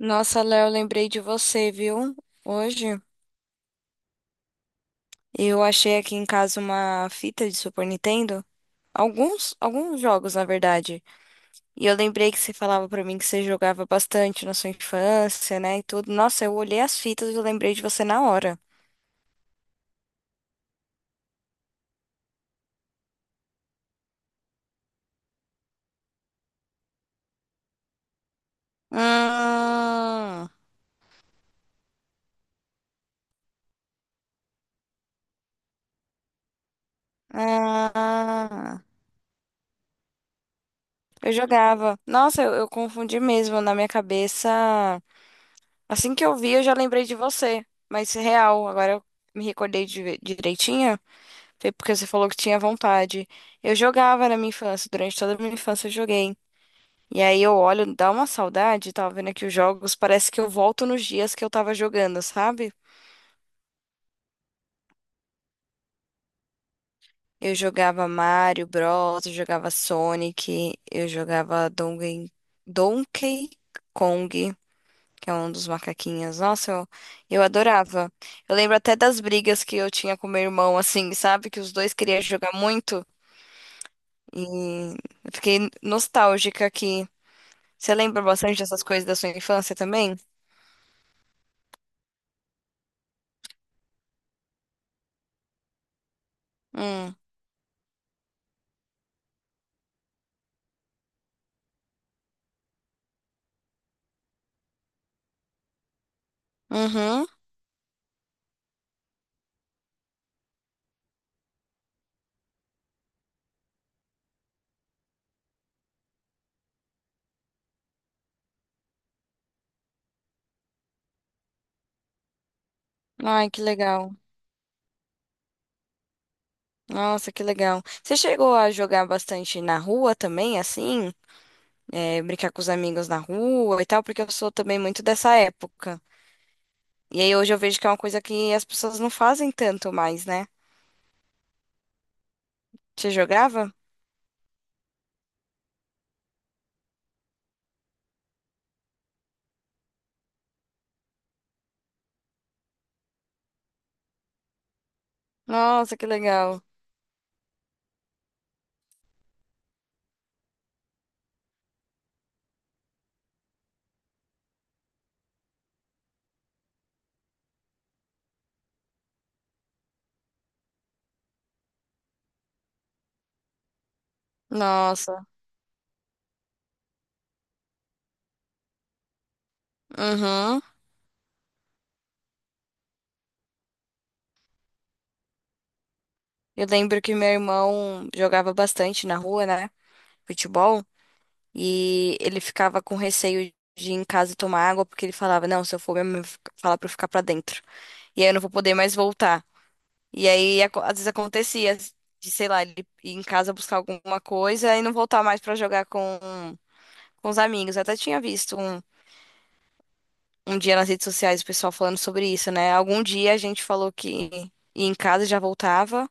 Nossa, Léo, lembrei de você, viu? Hoje eu achei aqui em casa uma fita de Super Nintendo. Alguns jogos, na verdade. E eu lembrei que você falava pra mim que você jogava bastante na sua infância, né? E tudo. Nossa, eu olhei as fitas e eu lembrei de você na hora. Hum, ah, eu jogava. Nossa, eu confundi mesmo na minha cabeça. Assim que eu vi, eu já lembrei de você. Mas real, agora eu me recordei de, direitinho. Foi porque você falou que tinha vontade. Eu jogava na minha infância, durante toda a minha infância eu joguei. E aí eu olho, dá uma saudade, tava vendo aqui os jogos, parece que eu volto nos dias que eu tava jogando, sabe? Eu jogava Mario Bros, eu jogava Sonic, eu jogava Donkey, Donkey Kong, que é um dos macaquinhos. Nossa, eu adorava. Eu lembro até das brigas que eu tinha com meu irmão, assim, sabe? Que os dois queriam jogar muito. E eu fiquei nostálgica aqui. Você lembra bastante dessas coisas da sua infância também? Hum. Uhum. Ai, que legal. Nossa, que legal. Você chegou a jogar bastante na rua também, assim? É, brincar com os amigos na rua e tal, porque eu sou também muito dessa época. E aí hoje eu vejo que é uma coisa que as pessoas não fazem tanto mais, né? Você jogava? Nossa, que legal. Nossa. Uhum. Eu lembro que meu irmão jogava bastante na rua, né? Futebol. E ele ficava com receio de ir em casa e tomar água, porque ele falava, não, se eu for, minha mãe vai falar pra eu ficar pra dentro. E aí eu não vou poder mais voltar. E aí, às vezes acontecia de, sei lá, ele ir em casa buscar alguma coisa e não voltar mais pra jogar com os amigos. Eu até tinha visto um dia nas redes sociais o pessoal falando sobre isso, né? Algum dia a gente falou que ia em casa e já voltava.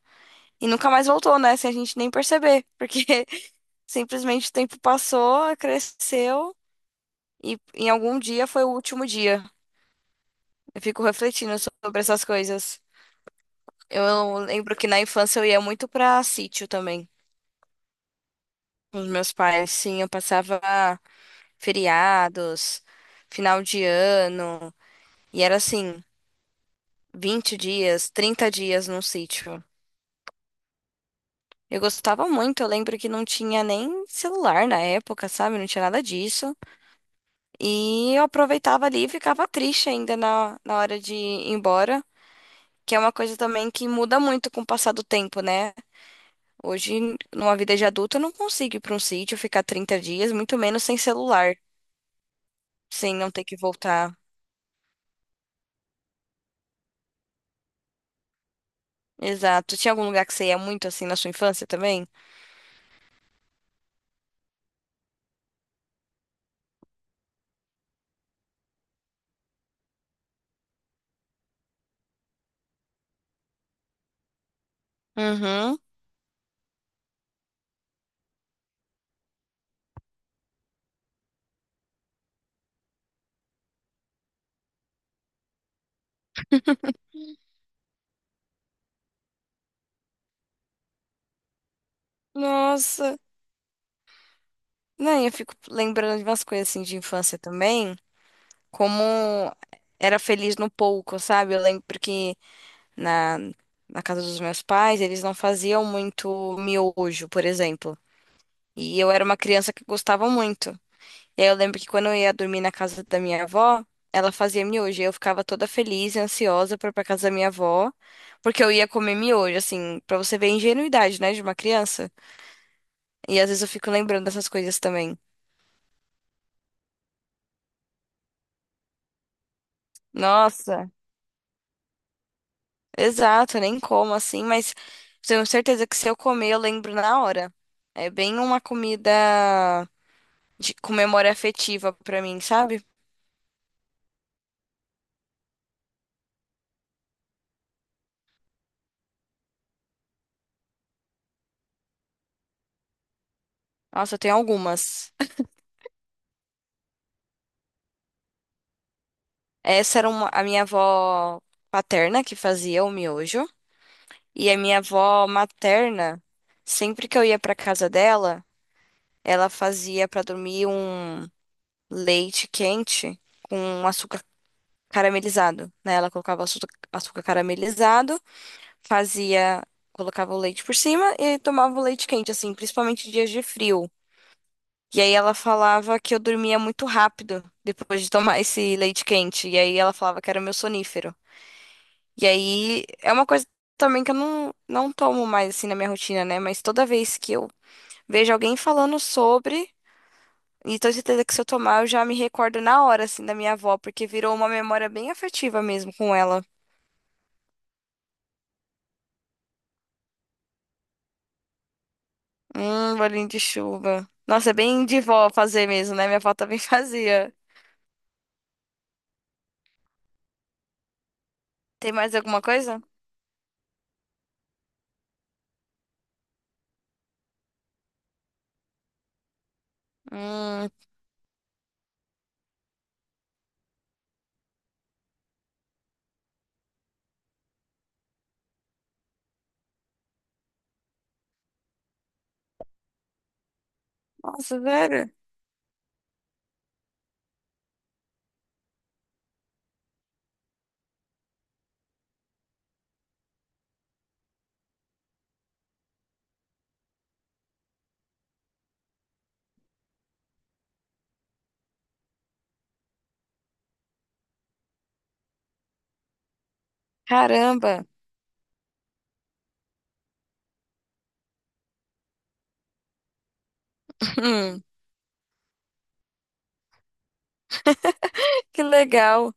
E nunca mais voltou, né? Sem a gente nem perceber. Porque simplesmente o tempo passou, cresceu. E em algum dia foi o último dia. Eu fico refletindo sobre essas coisas. Eu lembro que na infância eu ia muito pra sítio também, com os meus pais. Sim, eu passava feriados, final de ano, e era assim, 20 dias, 30 dias num sítio. Eu gostava muito, eu lembro que não tinha nem celular na época, sabe? Não tinha nada disso. E eu aproveitava ali e ficava triste ainda na hora de ir embora. Que é uma coisa também que muda muito com o passar do tempo, né? Hoje, numa vida de adulta, eu não consigo ir para um sítio, ficar 30 dias, muito menos sem celular, sem não ter que voltar. Exato. Tinha algum lugar que você ia muito assim na sua infância também? Uhum. Nossa. Não, eu fico lembrando de umas coisas assim de infância também, como era feliz no pouco, sabe? Eu lembro que na, na casa dos meus pais, eles não faziam muito miojo, por exemplo. E eu era uma criança que gostava muito. E aí eu lembro que quando eu ia dormir na casa da minha avó, ela fazia miojo. E eu ficava toda feliz e ansiosa pra ir pra casa da minha avó, porque eu ia comer miojo, assim, pra você ver a ingenuidade, né, de uma criança. E às vezes eu fico lembrando dessas coisas também. Nossa, exato, eu nem como assim, mas tenho certeza que se eu comer, eu lembro na hora. É bem uma comida de, com memória afetiva pra mim, sabe? Nossa, eu tenho algumas. Essa era uma, a minha avó paterna que fazia o miojo. E a minha avó materna, sempre que eu ia pra casa dela, ela fazia pra dormir um leite quente com açúcar caramelizado, né? Ela colocava açúcar caramelizado, fazia, colocava o leite por cima e tomava o leite quente, assim, principalmente em dias de frio. E aí ela falava que eu dormia muito rápido depois de tomar esse leite quente. E aí ela falava que era meu sonífero. E aí é uma coisa também que eu não tomo mais assim na minha rotina, né? Mas toda vez que eu vejo alguém falando sobre, e tenho certeza que se eu tomar, eu já me recordo na hora, assim, da minha avó, porque virou uma memória bem afetiva mesmo com ela. Bolinho de chuva. Nossa, é bem de vó fazer mesmo, né? Minha avó também fazia. Tem mais alguma coisa? Hum, nossa, velho. Caramba. Hum, que legal.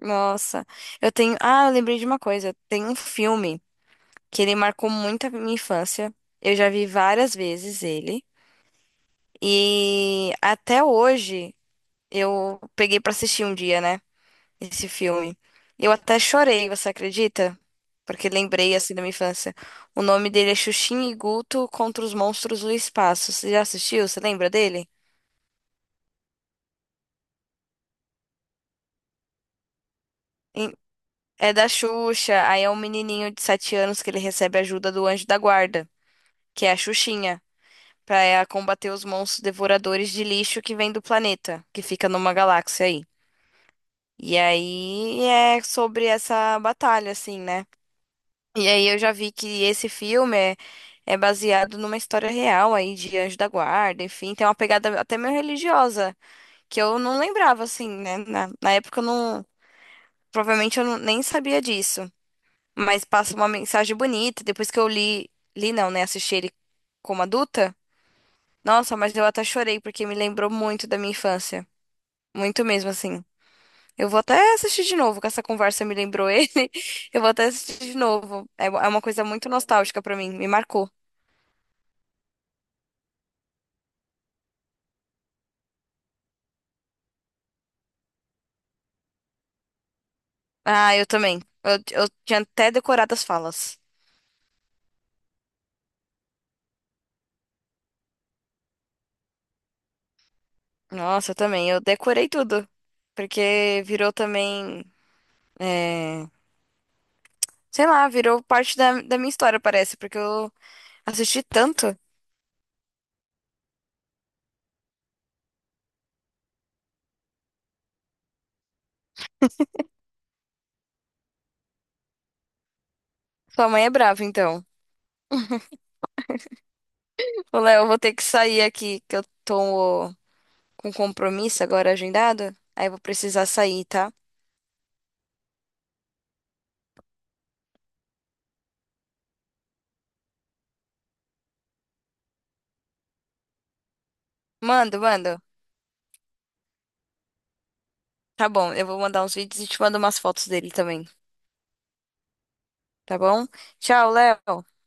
Nossa, eu tenho. Ah, eu lembrei de uma coisa. Tem um filme que ele marcou muito a minha infância. Eu já vi várias vezes ele. E até hoje. Eu peguei pra assistir um dia, né? Esse filme. Eu até chorei, você acredita? Porque lembrei assim da minha infância. O nome dele é Xuxinha e Guto Contra os Monstros do Espaço. Você já assistiu? Você lembra dele? Em- É da Xuxa. Aí é um menininho de 7 anos que ele recebe ajuda do anjo da guarda, que é a Xuxinha, pra ela combater os monstros devoradores de lixo que vem do planeta, que fica numa galáxia aí. E aí é sobre essa batalha, assim, né? E aí eu já vi que é baseado numa história real aí de Anjo da Guarda, enfim, tem uma pegada até meio religiosa, que eu não lembrava, assim, né? Na época eu não. Provavelmente eu nem sabia disso. Mas passa uma mensagem bonita. Depois que eu li, li não, né? Assisti ele como adulta. Nossa, mas eu até chorei, porque me lembrou muito da minha infância. Muito mesmo, assim. Eu vou até assistir de novo, que essa conversa me lembrou ele. Eu vou até assistir de novo. É uma coisa muito nostálgica pra mim, me marcou. Ah, eu também. Eu tinha até decorado as falas. Nossa, eu também. Eu decorei tudo. Porque virou também. É, sei lá, virou parte da minha história, parece. Porque eu assisti tanto. Sua mãe é brava, então. Ô, Léo, eu vou ter que sair aqui, que eu tô com compromisso agora agendado. Aí eu vou precisar sair, tá? Mando, mando. Tá bom, eu vou mandar uns vídeos e te mando umas fotos dele também. Tá bom? Tchau, Léo.